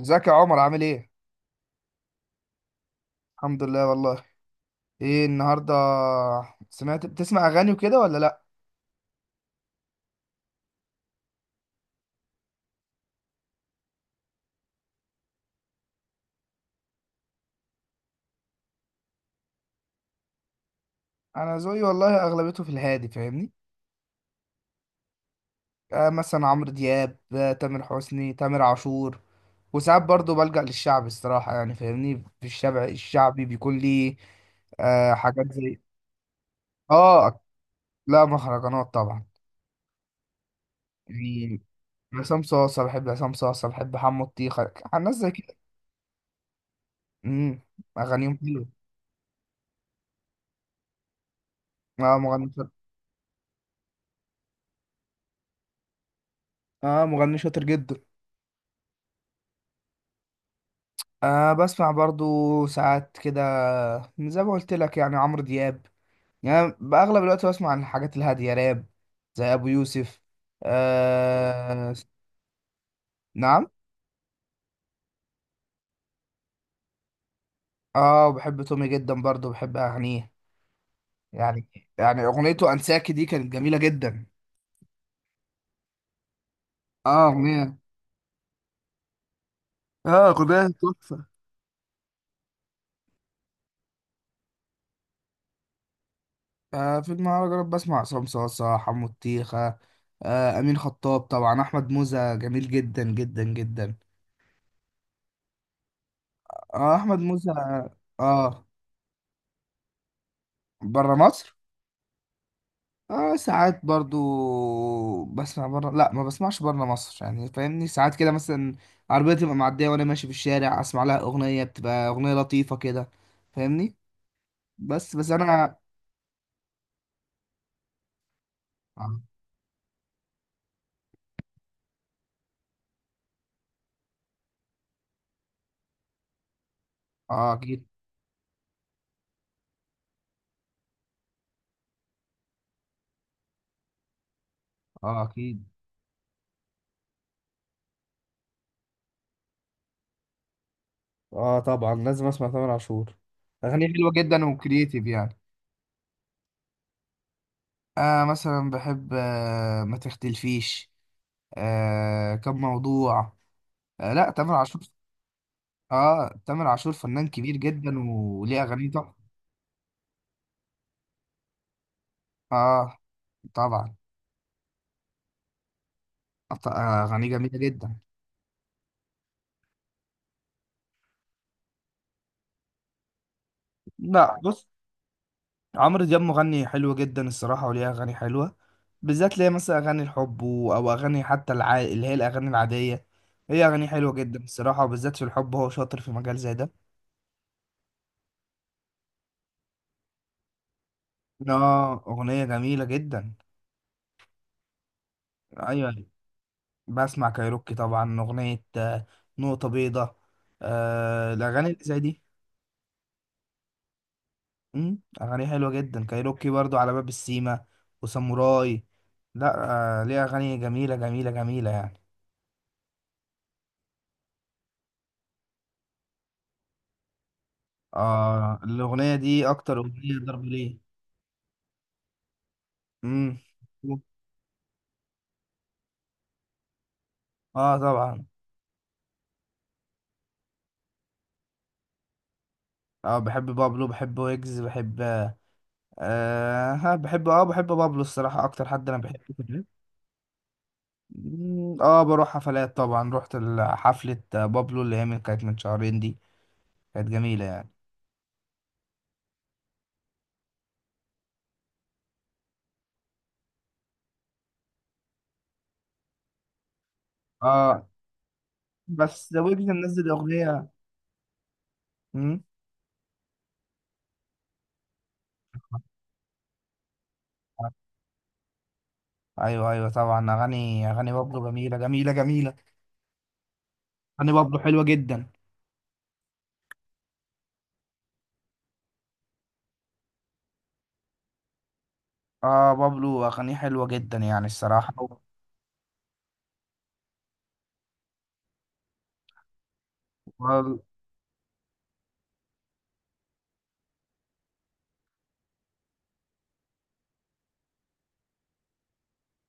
ازيك يا عمر، عامل ايه؟ الحمد لله والله. ايه النهارده؟ سمعت، بتسمع اغاني وكده ولا لا؟ انا ذوقي والله اغلبيته في الهادي، فاهمني؟ آه، مثلا عمرو دياب، تامر حسني، تامر عاشور. وساعات برضو بلجأ للشعب الصراحة، يعني، فاهمني؟ في الشعب الشعبي بيكون لي آه، حاجات زي، اه، لا، مهرجانات طبعا. يعني عصام صاصة، بحب حمو الطيخة، الناس زي كده. امم اغانيهم حلوة. اه، مغني شاطر. اه، مغني شاطر جدا. أه، بسمع برضو ساعات كده، زي ما قلت لك، يعني عمرو دياب. يعني بأغلب الوقت بسمع عن الحاجات الهادية، راب، زي أبو يوسف. أه. نعم. اه، بحب تومي جدا، برضو بحب أغانيه، يعني. يعني أغنيته أنساكي دي كانت جميلة جدا. اه أغنية اه، أغنية تحفة. آه، في المهرجانات بسمع عصام صاصة، حمو الطيخة، أمين خطاب طبعا، أحمد موزة جميل جدا جدا جدا. أحمد موزة. اه، بره مصر. اه، ساعات برضو بسمع بره، لا، ما بسمعش بره مصر، يعني، فاهمني؟ ساعات كده مثلا، عربية تبقى معدية وانا ماشي في الشارع اسمع لها اغنية، بتبقى اغنية لطيفة كده. فاهمني؟ بس، انا. اه، آه، اكيد. اه، اكيد. اه، طبعا لازم اسمع تامر عاشور. اغانيه حلوة جدا وكرييتيف، يعني. آه، مثلا بحب، آه، ما تختلفيش، آه، كم موضوع، آه، لا، تامر عاشور. اه، تامر عاشور فنان كبير جدا وليه اغاني تحفة. اه، طبعا. أغانيه جميلة جدا. لا، بص، عمرو دياب مغني حلو جدا الصراحة، وليه أغاني حلوة، بالذات ليه مثلا أغاني الحب أو أغاني حتى اللي هي الأغاني العادية. هي أغاني حلوة جدا الصراحة، وبالذات في الحب هو شاطر في مجال زي ده. آه، أغنية جميلة جدا. أيوة، أيوة. بسمع كايروكي طبعا، أغنية نقطة بيضاء، آه، الأغاني اللي زي دي. أغانيه حلوة جدا، كايروكي برضو على باب السيما وساموراي. لا، آه، ليه أغاني جميلة جميلة جميلة، يعني. آه، الأغنية دي أكتر أغنية ضرب ليه. مم. آه، طبعا. آه، بحب بابلو، بحب ويجز، بحب، آه ها، بحب آه بحب بابلو الصراحة أكتر حد أنا بحبه في الراب. بروح حفلات طبعا، رحت حفلة بابلو اللي هي كانت من شهرين دي، كانت جميلة، يعني. آه. بس ويجز منزل أغنية. مم. ايوه، ايوه، طبعا، اغاني بابلو جميله جميله جميله. اغاني بابلو حلوه جدا. اه، بابلو اغانيه حلوه جدا، يعني الصراحه. وال-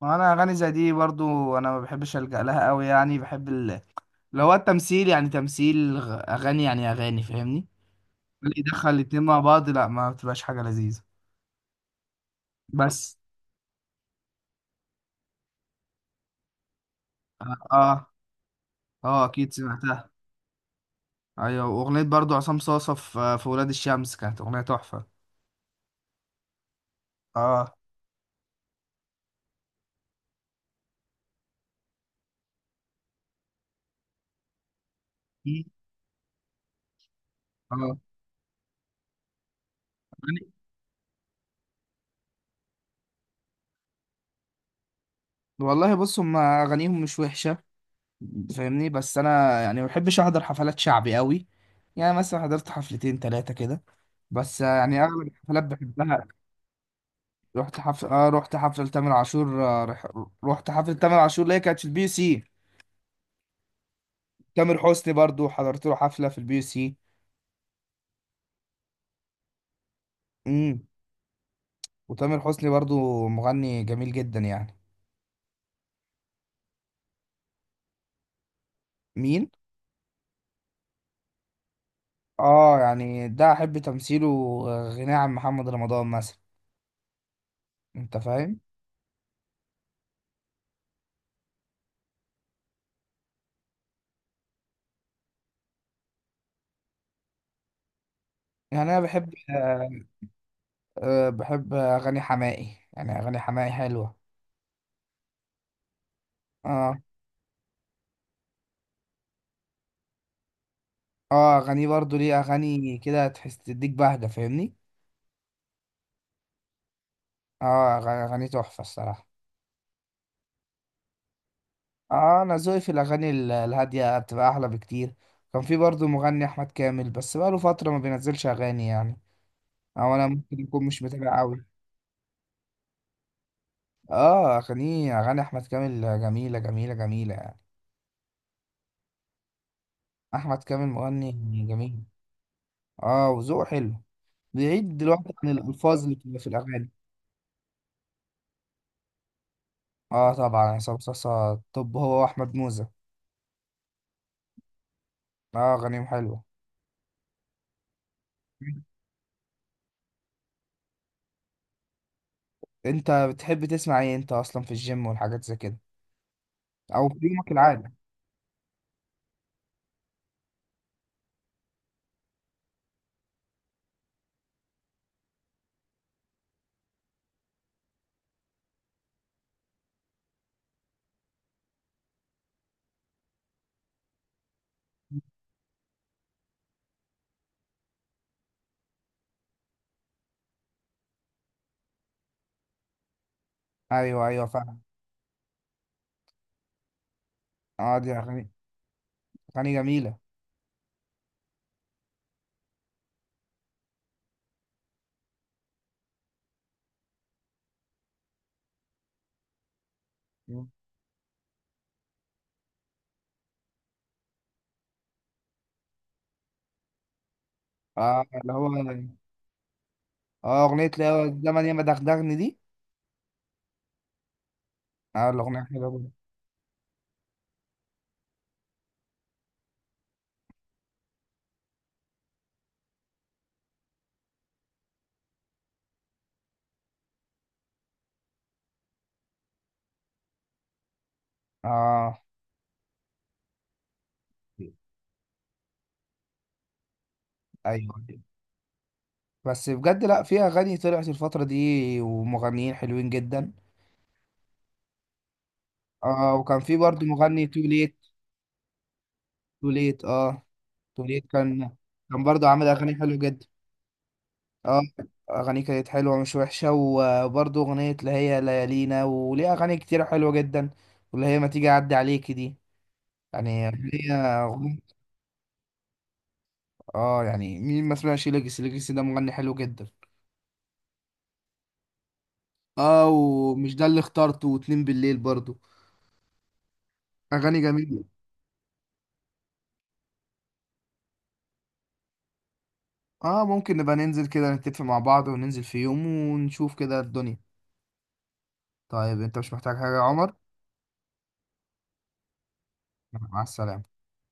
وانا اغاني زي دي برضو، انا ما بحبش الجا لها قوي، يعني بحب اللي هو التمثيل، يعني تمثيل اغاني، يعني اغاني، فاهمني؟ اللي يدخل الاتنين مع بعض، لا، ما بتبقاش حاجه لذيذه. بس. اه، اه، اكيد سمعتها. ايوه، واغنيه برضو عصام صاصه في ولاد الشمس كانت اغنيه تحفه. اه. اه، والله بص، هم اغانيهم مش وحشه، فاهمني، بس انا يعني ما بحبش احضر حفلات شعبي قوي. يعني مثلا حضرت حفلتين ثلاثه كده، بس يعني اغلب الحفلات بحبها. رحت حفله تامر عاشور، رحت حفله تامر عاشور اللي هي كانت في البي يو سي. تامر حسني برضو حضرت له حفله في البي يو سي. امم وتامر حسني برضو مغني جميل جدا، يعني. مين؟ اه، يعني ده احب تمثيله، آه، غناه عن محمد رمضان مثلا. انت فاهم؟ يعني انا بحب، أه، بحب أغاني حماقي، يعني أغاني حماقي حلوة. اه. اه، أغانيه برضو ليه أغاني كده، تحس تديك بهجة، فاهمني؟ أغاني تحفة الصراحة. اه، أنا ذوقي في الأغاني الهادية بتبقى أحلى بكتير. كان في برضو مغني أحمد كامل، بس بقاله فترة ما بينزلش أغاني، يعني. أو أنا ممكن أكون مش متابع أوي. اه، أغاني أحمد كامل جميلة جميلة جميلة، يعني. أحمد كامل مغني جميل. اه، وذوقه حلو، بعيد دلوقتي عن الألفاظ اللي بتبقى في الأغاني. اه، طبعا عصام صاصا، طب هو واحمد موزة. اه، غنيم حلوة. انت بتحب تسمع ايه انت اصلا في الجيم والحاجات زي كده، او في يومك العادي؟ ايوه، ايوه، فاهم. اه، دي اغاني، اغاني جميلة. اه، اللي هو اه، اغنية، لا، هو الزمن ياما دغدغني دي. اه، الاغنية حلوة جدا. اه، ايوه، بس بجد، لا، في اغاني طلعت الفترة دي ومغنيين حلوين جدا. اه، وكان في برضو مغني تو ليت. تو ليت اه تو ليت كان برضو عامل اغاني حلوة جدا. اه. اغانيه كانت حلوه مش وحشه، وبرضه اغنيه اللي هي ليالينا، وليه اغاني كتير حلوه جدا، واللي هي ما تيجي اعدي عليكي دي، يعني هي أغنية- اه، يعني مين ما سمعش ليجاسي، ليجاسي ده مغني حلو جدا. اه، ومش ده اللي اخترته واتنين بالليل برضه. اغاني جميله. اه، ممكن نبقى ننزل كده نتفق مع بعض وننزل في يوم ونشوف كده الدنيا. طيب، انت مش محتاج حاجه يا عمر؟ مع السلامه.